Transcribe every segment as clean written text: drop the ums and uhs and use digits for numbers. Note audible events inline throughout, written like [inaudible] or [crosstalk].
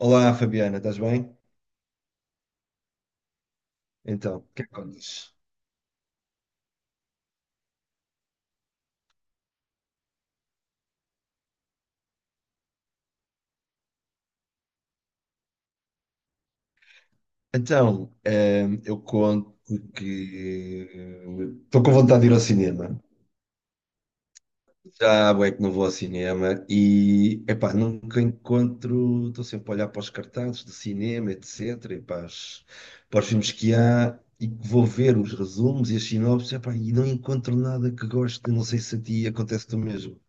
Olá, Fabiana, estás bem? Então, o que é que contas? Então, eu conto que estou com vontade de ir ao cinema. Já há bué que não vou ao cinema e, epá, nunca encontro, estou sempre a olhar para os cartazes de cinema, etc, e para, para os filmes que há e que vou ver os resumos e as sinopses, epá, e não encontro nada que goste, não sei se a ti acontece do mesmo.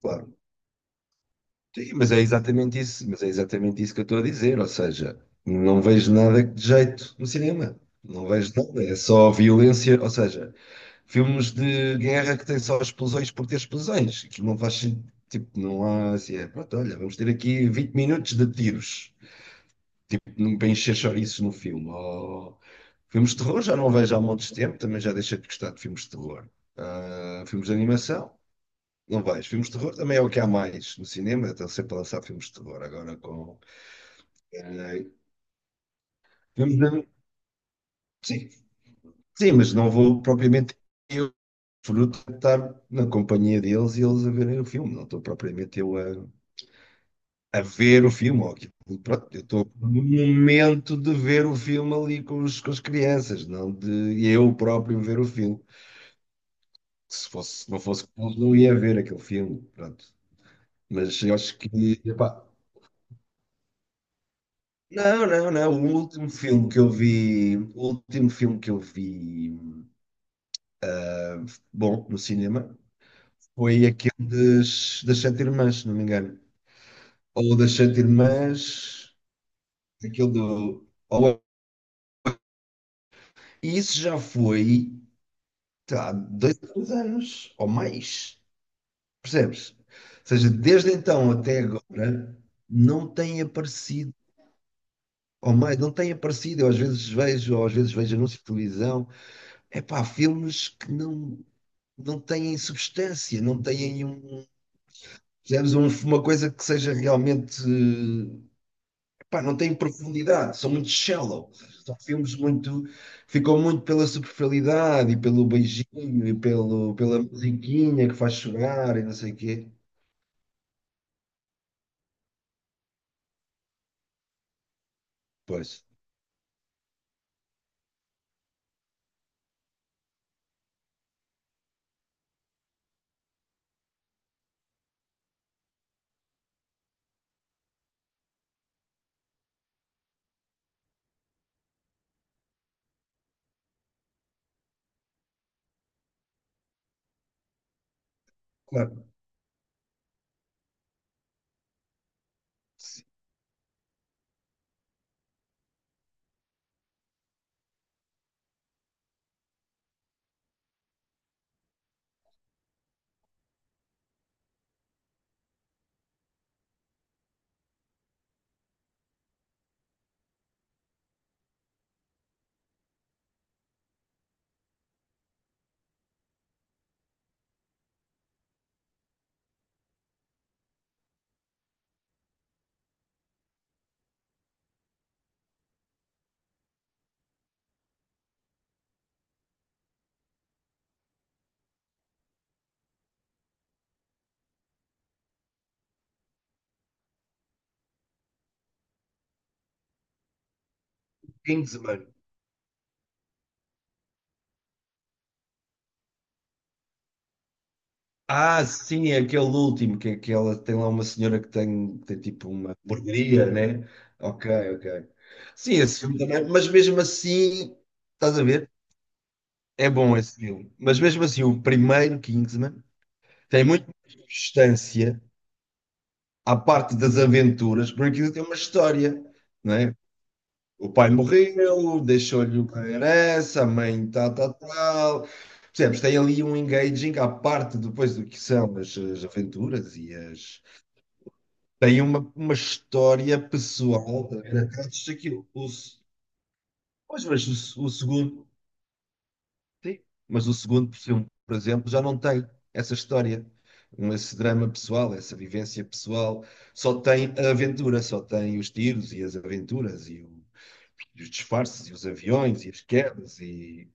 Claro. Sim, mas é exatamente isso, mas é exatamente isso que eu estou a dizer, ou seja, não vejo nada de jeito no cinema, não vejo nada, é só violência, ou seja, filmes de guerra que têm só explosões por ter explosões, que não faz sentido, tipo, não há assim, é, pronto, olha, vamos ter aqui 20 minutos de tiros, não para encher chouriços no filme, ou filmes de terror já não vejo há montes de tempo, também já deixei de gostar de filmes de terror. Ah, filmes de animação, não vejo, filmes de terror também é o que há mais no cinema, estão sempre a lançar filmes de terror agora com eh, vamos ver. Sim, sim, mas não vou propriamente eu fruto de estar na companhia deles e eles a verem o filme. Não estou propriamente a ver o filme, ou aquilo. Pronto, eu estou no momento de ver o filme ali com, os, com as crianças, não de eu próprio ver o filme. Se fosse, se não fosse com eles, não ia ver aquele filme. Pronto. Mas eu acho que, epá, não, não, não. O último filme que eu vi, o último filme que eu vi bom no cinema foi aquele das, das Sete Irmãs, se não me engano. Ou das Sete Irmãs, aquele do. Ou... E isso já foi tá, há dois, três anos ou mais, percebes? Ou seja, desde então até agora não tem aparecido, ou mais, não tem aparecido. Eu às vezes vejo, ou às vezes vejo anúncios de televisão, é pá, filmes que não, não têm substância, não têm um. Percebes? Uma coisa que seja realmente pá, não têm profundidade, são muito shallow. São filmes muito, ficam muito pela superficialidade e pelo beijinho e pelo, pela musiquinha que faz chorar e não sei o quê. Pois, claro. Kingsman. Ah, sim, é aquele último, que é aquela, tem lá uma senhora que tem tipo uma burgueria, né? Ok, ok. Sim, esse filme também, mas mesmo assim, estás a ver? É bom esse filme. Mas mesmo assim, o primeiro Kingsman tem muito mais substância à parte das aventuras, porque aquilo tem uma história, não é? O pai morreu, deixou-lhe uma herança, a mãe tal, tal, tal. Percebes? Tem ali um engaging à parte depois do que são as, as aventuras e as. Tem uma história pessoal atrás daquilo. O, se- pois, mas o, se- o segundo. Sim. Mas o segundo, por exemplo, já não tem essa história, esse drama pessoal, essa vivência pessoal. Só tem a aventura, só tem os tiros e as aventuras e os disfarces e os aviões e as quedas e...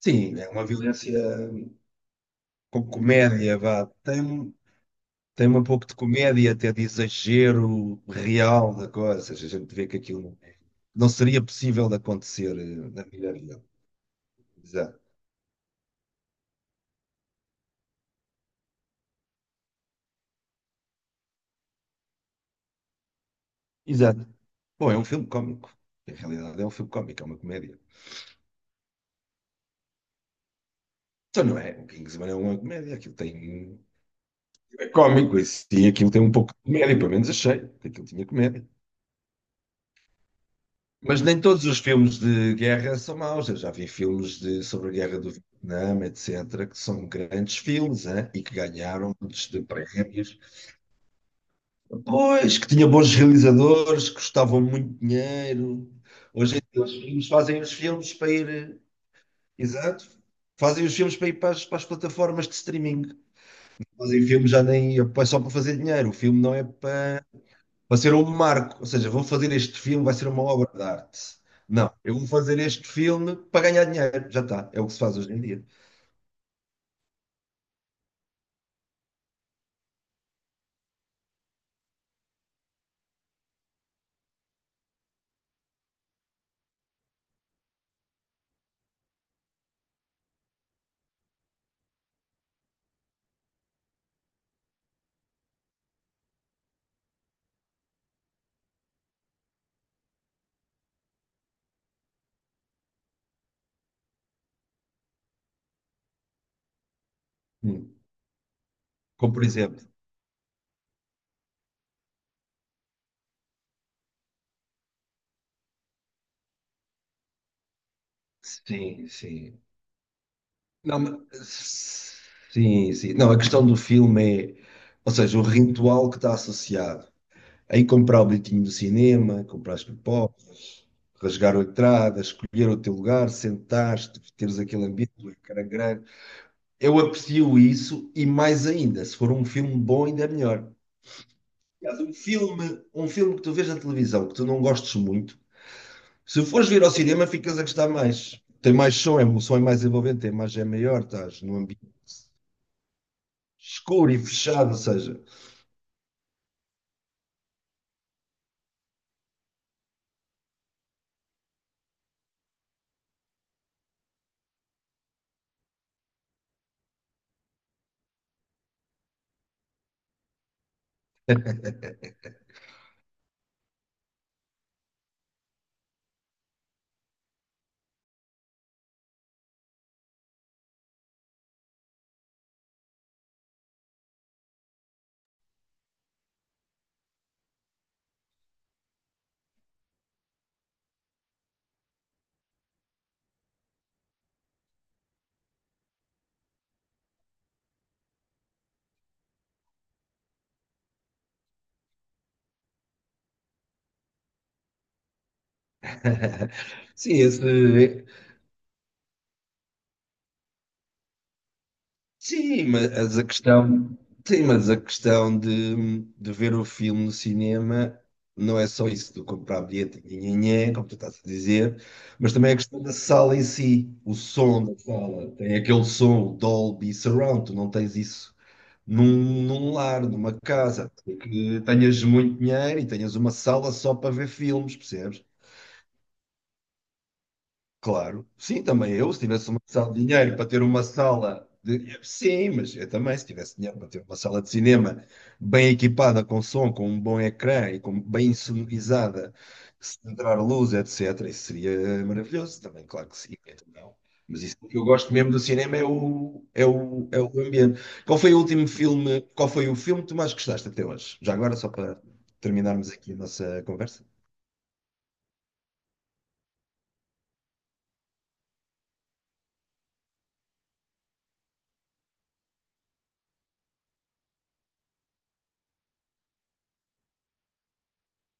Sim, é uma violência com comédia, vá. Tem, tem um pouco de comédia, até de exagero real da coisa. Ou seja, a gente vê que aquilo não, não seria possível de acontecer na vida real. Exato. Exato. Bom, é um filme cómico. Em realidade, é um filme cómico, é uma comédia. Então, não é? O Kingsman é uma comédia. Aquilo tem. É cómico, isso. E aquilo tem um pouco de comédia, pelo menos achei que aquilo tinha comédia. Mas nem todos os filmes de guerra são maus. Eu já vi filmes de, sobre a guerra do Vietnã, etc., que são grandes filmes, hein? E que ganharam muitos de prémios. Pois, que tinha bons realizadores, que custavam muito dinheiro. Hoje em dia os filmes fazem os filmes para ir exato. Fazem os filmes para ir para as plataformas de streaming. Fazem filmes já nem é só para fazer dinheiro. O filme não é para, para ser um marco. Ou seja, vou fazer este filme, vai ser uma obra de arte. Não, eu vou fazer este filme para ganhar dinheiro. Já está. É o que se faz hoje em dia. Hum. Como por exemplo. Sim, sim. Não, mas sim, sim. Não, a questão do filme é, ou seja, o ritual que está associado. Aí comprar o bilhetinho do cinema, comprar as pipocas, rasgar a entrada, escolher o teu lugar, sentar-te, teres aquele ambiente, o ecrã grande. Eu aprecio isso e mais ainda, se for um filme bom, ainda é melhor. Aliás, um filme que tu vês na televisão que tu não gostes muito, se fores vir ao cinema, ficas a gostar mais. Tem mais som, é, o som é mais envolvente, a imagem é maior, estás num ambiente escuro e fechado, ou seja. [laughs] Sim, esse, sim, mas a questão, sim, mas a questão de ver o filme no cinema não é só isso do comprar bilhete, nhenhenhé, como tu estás a dizer, mas também é a questão da sala em si, o som da sala, tem aquele som, o Dolby Surround, tu não tens isso num, num lar, numa casa, tem que tenhas muito dinheiro e tenhas uma sala só para ver filmes, percebes? Claro, sim, também eu, se tivesse uma sala de dinheiro para ter uma sala de. Sim, mas eu também, se tivesse dinheiro para ter uma sala de cinema bem equipada com som, com um bom ecrã e com bem sonorizada, se entrar luz, etc., isso seria maravilhoso também, claro que sim, então não. Mas isso que eu gosto mesmo do cinema é o, é o, é o ambiente. Qual foi o último filme, qual foi o filme que tu mais gostaste até hoje? Já agora, só para terminarmos aqui a nossa conversa.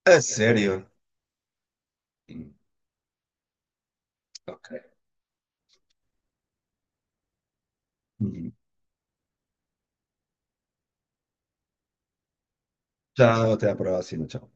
A sério? Hum. Ok. Tchau, até a próxima. Tchau.